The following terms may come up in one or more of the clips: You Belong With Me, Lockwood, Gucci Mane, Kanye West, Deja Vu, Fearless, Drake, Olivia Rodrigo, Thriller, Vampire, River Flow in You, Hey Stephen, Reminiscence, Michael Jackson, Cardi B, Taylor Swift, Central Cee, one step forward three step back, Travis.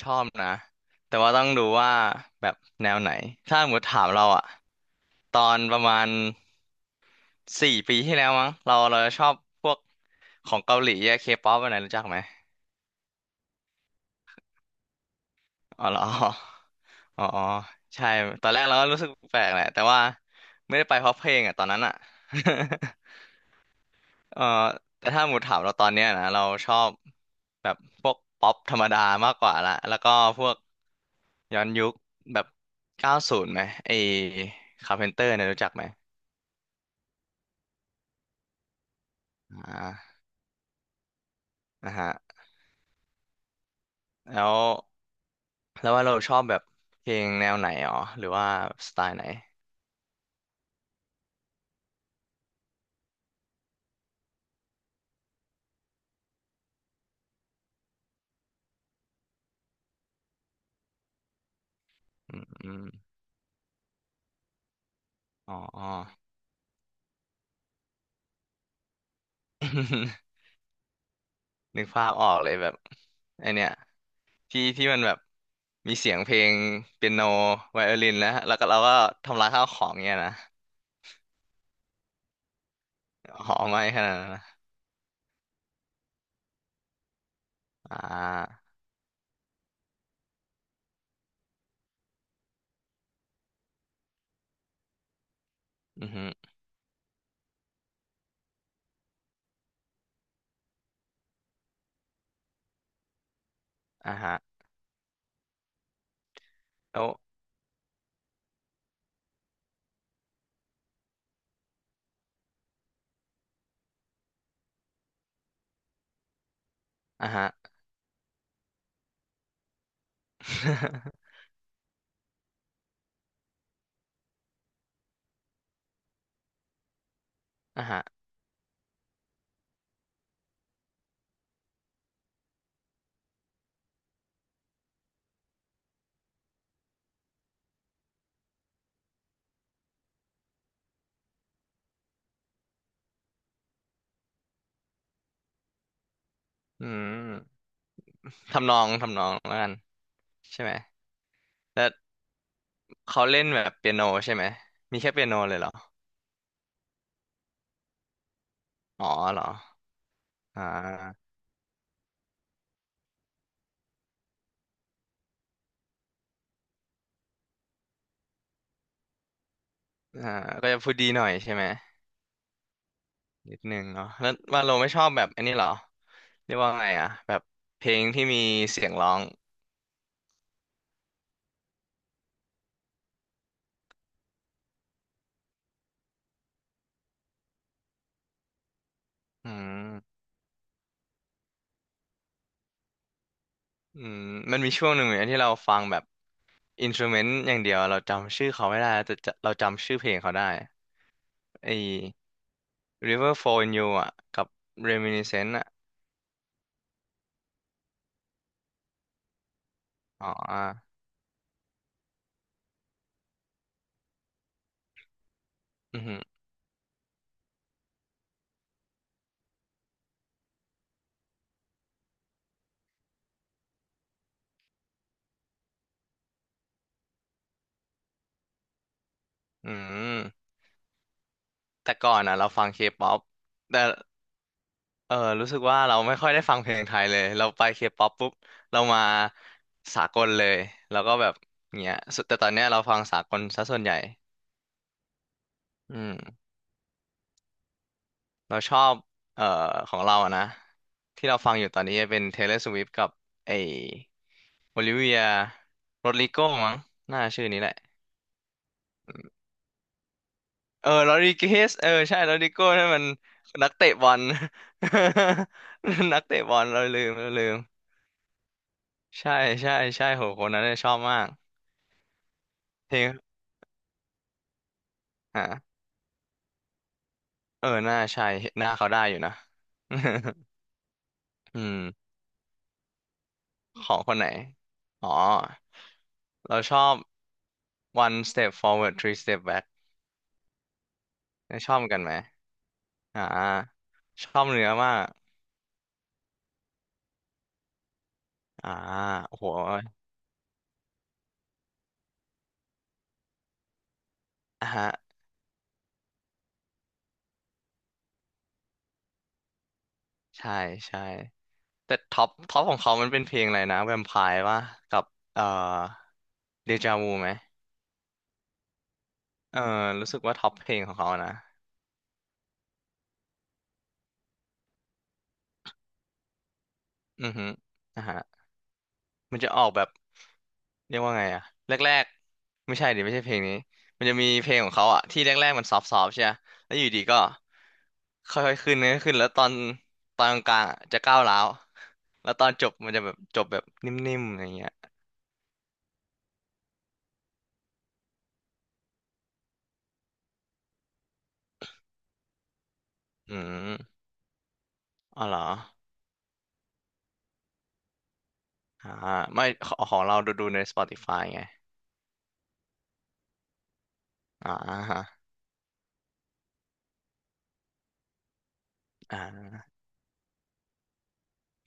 ชอบนะแต่ว่าต้องดูว่าแบบแนวไหนถ้าหมดถามเราอะตอนประมาณ4 ปีที่แล้วมั้งเราจะชอบพวกของเกาหลีอะเคป๊อปอะไรรู้จักไหมอ๋อเหรอ อ๋ออ๋อใช่ตอนแรกเราก็รู้สึกแปลกแหละแต่ว่าไม่ได้ไปเพราะเพลงอะตอนนั้นอะ เออแต่ถ้าหมูถามเราตอนเนี้ยนะเราชอบแบบพวกป๊อปธรรมดามากกว่าละแล้วก็พวก ย้อนยุคแบบ90ไหมไอ้คาร์เพนเตอร์เนี่ยรู้จักไหมอ่านะฮะ แล้วแล้วว่าเราชอบแบบเพลงแนวไหนอ๋อหรือว่าสไตล์ไหนอืมอมอ๋อ อ๋อ นึกภาพออกเลยแบบไอเนี่ยที่มันแบบมีเสียงเพลงเปียโนไวโอลินแล้วก็เราก็ทำลายข้าวของเนี่ยนะ หอไม่ขนาดนั้นนะอ่าอือฮึอ่าฮะแล้วอ่าฮะ อ่าฮะ อืม ทำนองแล้วกันใช่ไหมแล้วเขาเล่นแบบเปียโนใช่ไหม มีแค่เปียโนเลยเหรอ อ๋อเหรออ่าอ่าก็จะพูดดีหน่อยใช่ไหมนิดนึงเนาะแล้วว่าเราไม่ชอบแบบอันนี้เหรอเรียกว่าไงอ่ะแบบเพลงที่มีเสียงร้อง อืมอืมมันมีช่วงหนึ่งเหมือนกันที่เราฟังแบบอินสต u เมนต์อย่างเดียวเราจำชื่อเขาไม่ได้แต่จะเราจำชื่อเพลงเขาได้ไอ้ River Flow in You อ่ะกับ Reminiscence อ่ะอ๋ออ่ะอือหืออืม แต่ก่อนอ่ะเราฟังเคป๊อปแต่เออรู้สึกว่าเราไม่ค่อยได้ฟังเพลงไทยเลยเราไปเคป๊อปปุ๊บเรามาสากลเลยแล้วก็แบบเงี้ยสุดแต่ตอนเนี้ยเราฟังสากลซะส่วนใหญ่อืมเราชอบเอ่อของเราอะนะที่เราฟังอยู่ตอนนี้เป็น Taylor Swift กับไอ้ Olivia Rodrigo มั้งน่าชื่อนี้แหละเออ Rodriguez เออใช่ Rodrigo นั่นมันนักเตะบอล นักเตะบอลเราลืมเราลืม ใช่ใช่ใช่โหคนนั้นเนี่ยชอบมากเพลงอ่ะเออหน้าใช่หน้าเขาได้อยู่นะ อืมของคนไหนอ๋อเราชอบ one step forward three step back ชอบเหมือนกันไหมอ่าชอบเนื้อมากอ่าโอ้โหอ่ะฮะใช่ใช่แต่ท็อปของเขามันเป็นเพลงอะไรนะแวมไพร์วะกับเอ่อเดจาวูไหมเออรู้สึกว่าท็อปเพลงของเขานะอือฮึอ่า มันจะออกแบบเรียกว่าไงอะแรกๆไม่ใช่ดิไม่ใช่เพลงนี้มันจะมีเพลงของเขาอะที่แรกๆมันซอฟต์ๆใช่ไหมแล้วอยู่ดีก็ค่อยๆขึ้นนะขึ้นแล้วตอนตอนกลางๆอะจะก้าวร้าวแล้วตอนจบมันจะแบบจบแบบนิ่มๆอะไรเงี้ยอืมอ๋อเหรออ่าไม่ของเราดูใน Spotify ไงอ่าฮะอ่า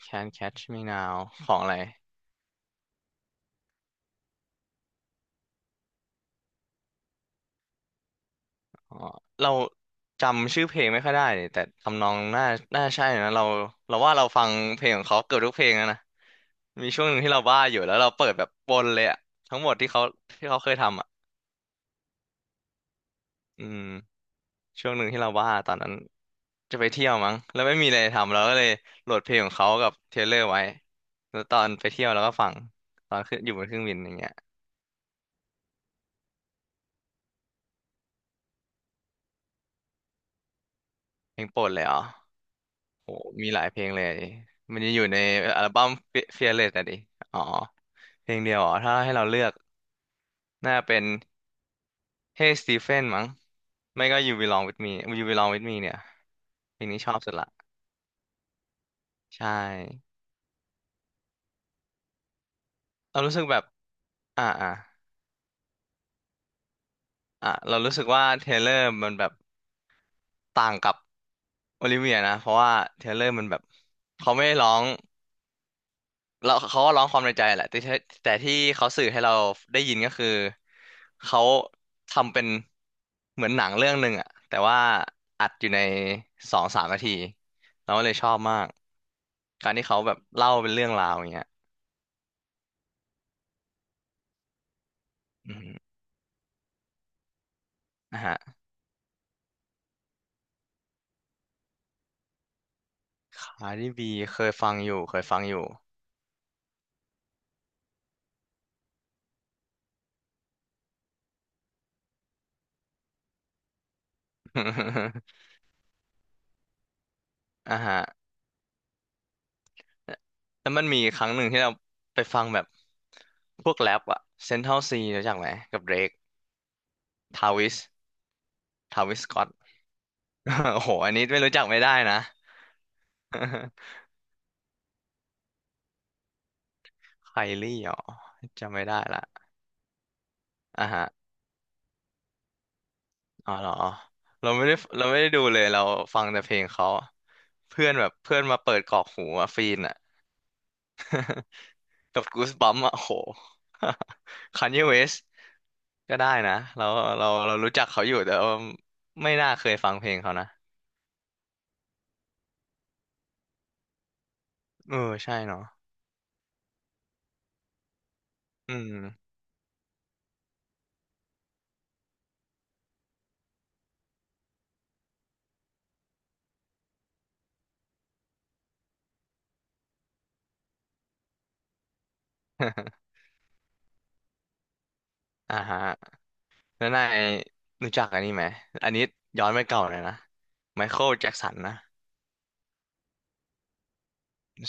Can Catch Me Now ของอะไร อ๋อเราจำชื่อเพลงไม่ค่อยได้นี่แต่ทำนองน่าใช่นะเราเราว่าเราฟังเพลงของเขาเกือบทุกเพลงแล้วนะมีช่วงหนึ่งที่เราบ้าอยู่แล้วเราเปิดแบบวนเลยอะทั้งหมดที่เขาที่เขาเคยทำอะอืมช่วงหนึ่งที่เราบ้าตอนนั้นจะไปเที่ยวมั้งแล้วไม่มีอะไรทำเราก็เลยโหลดเพลงของเขากับเทรลเลอร์ไว้แล้วตอนไปเที่ยวเราก็ฟังตอนขึ้นอยู่บนเครื่องบินอย่างเงี้ยเพลงโปรดเลยอ๋อ โอ้มีหลายเพลงเลย มันจะอยู่ในอัลบั้ม Fearless นะดิ อ๋อ เพลงเดียวอ๋อถ้าให้เราเลือกน่าเป็น Hey Stephen มั้งไม่ก็ You Belong With Me You Belong With Me เนี่ยเพลงนี้ชอบสุดละ ใช่ เรารู้สึกแบบอ่าอ่าเรารู้สึกว่าเทเลอร์มันแบบต่างกับโอลิเวียนะ เพราะว่าเทเลอร์มันแบบเขาไม่ได้ร้อง แล้วเขาก็ร้องความในใจแหละแต่ที่เขาสื่อให้เราได้ยินก็คือเขาทำเป็นเหมือนหนังเรื่องหนึ่งอะแต่ว่าอัดอยู่ในสองสามนาทีเราก็เลยชอบมากการที่เขาแบบเล่าเป็นเรื่องราวอย่างเงี้ยอืมนะฮะคาร์ดิบีเคยฟังอยู่เคยฟังอยู่ อ่าฮะแล้วมันมีครั้งหนึ่งที่เราไปฟังแบบพวกแรปอะเซนทรัลซีรู้จักไหมกับเดรกทาวิสทาวิสสก็ โอ้โหอันนี้ไม่รู้จักไม่ได้นะ ไคลี่เหรอจำไม่ได้ละอ่ะฮะอ๋อเหรอเราไม่ได้เราไม่ได้ดูเลยเราฟังแต่เพลงเขาเพื่อนแบบเพื่อนมาเปิดกรอกหูอะฟีนอะ กับกูสบัมอะโห คานเยเวสก็ได้นะเรารู้จักเขาอยู่แต่ว่าไม่น่าเคยฟังเพลงเขานะเออใช่เนาะอืม อ่าฮะแล้วนายรู้จักอันนี้ไหมอันนี้ย้อนไปเก่าเลยนะไมเคิลแจ็กสันนะ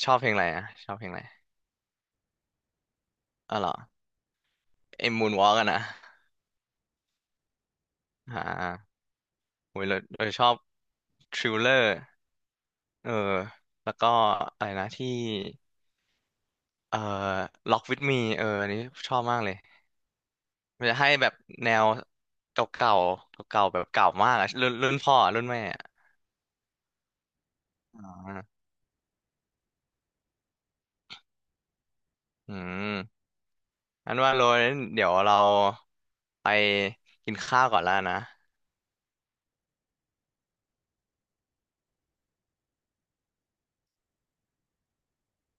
ชอบเพลงอะไรอ่ะชอบเพลงอะไรอ๋อเหรอไอ้มูนวอล์กอะนะอ่าโอ้ยเราชอบทริลเลอร์เออแล้วก็อะไรนะที่เอ่อล็อกวิดมีเอออันนี้ชอบมากเลยมันจะให้แบบแนวเก่าๆเก่าๆแบบเก่ามากอะรุ่นรุ่นพ่ออะรุ่นแม่อะอ่าอืมอันว่าโรยเดี๋ยวเราไปกินข้าวก่อนแล้วนะ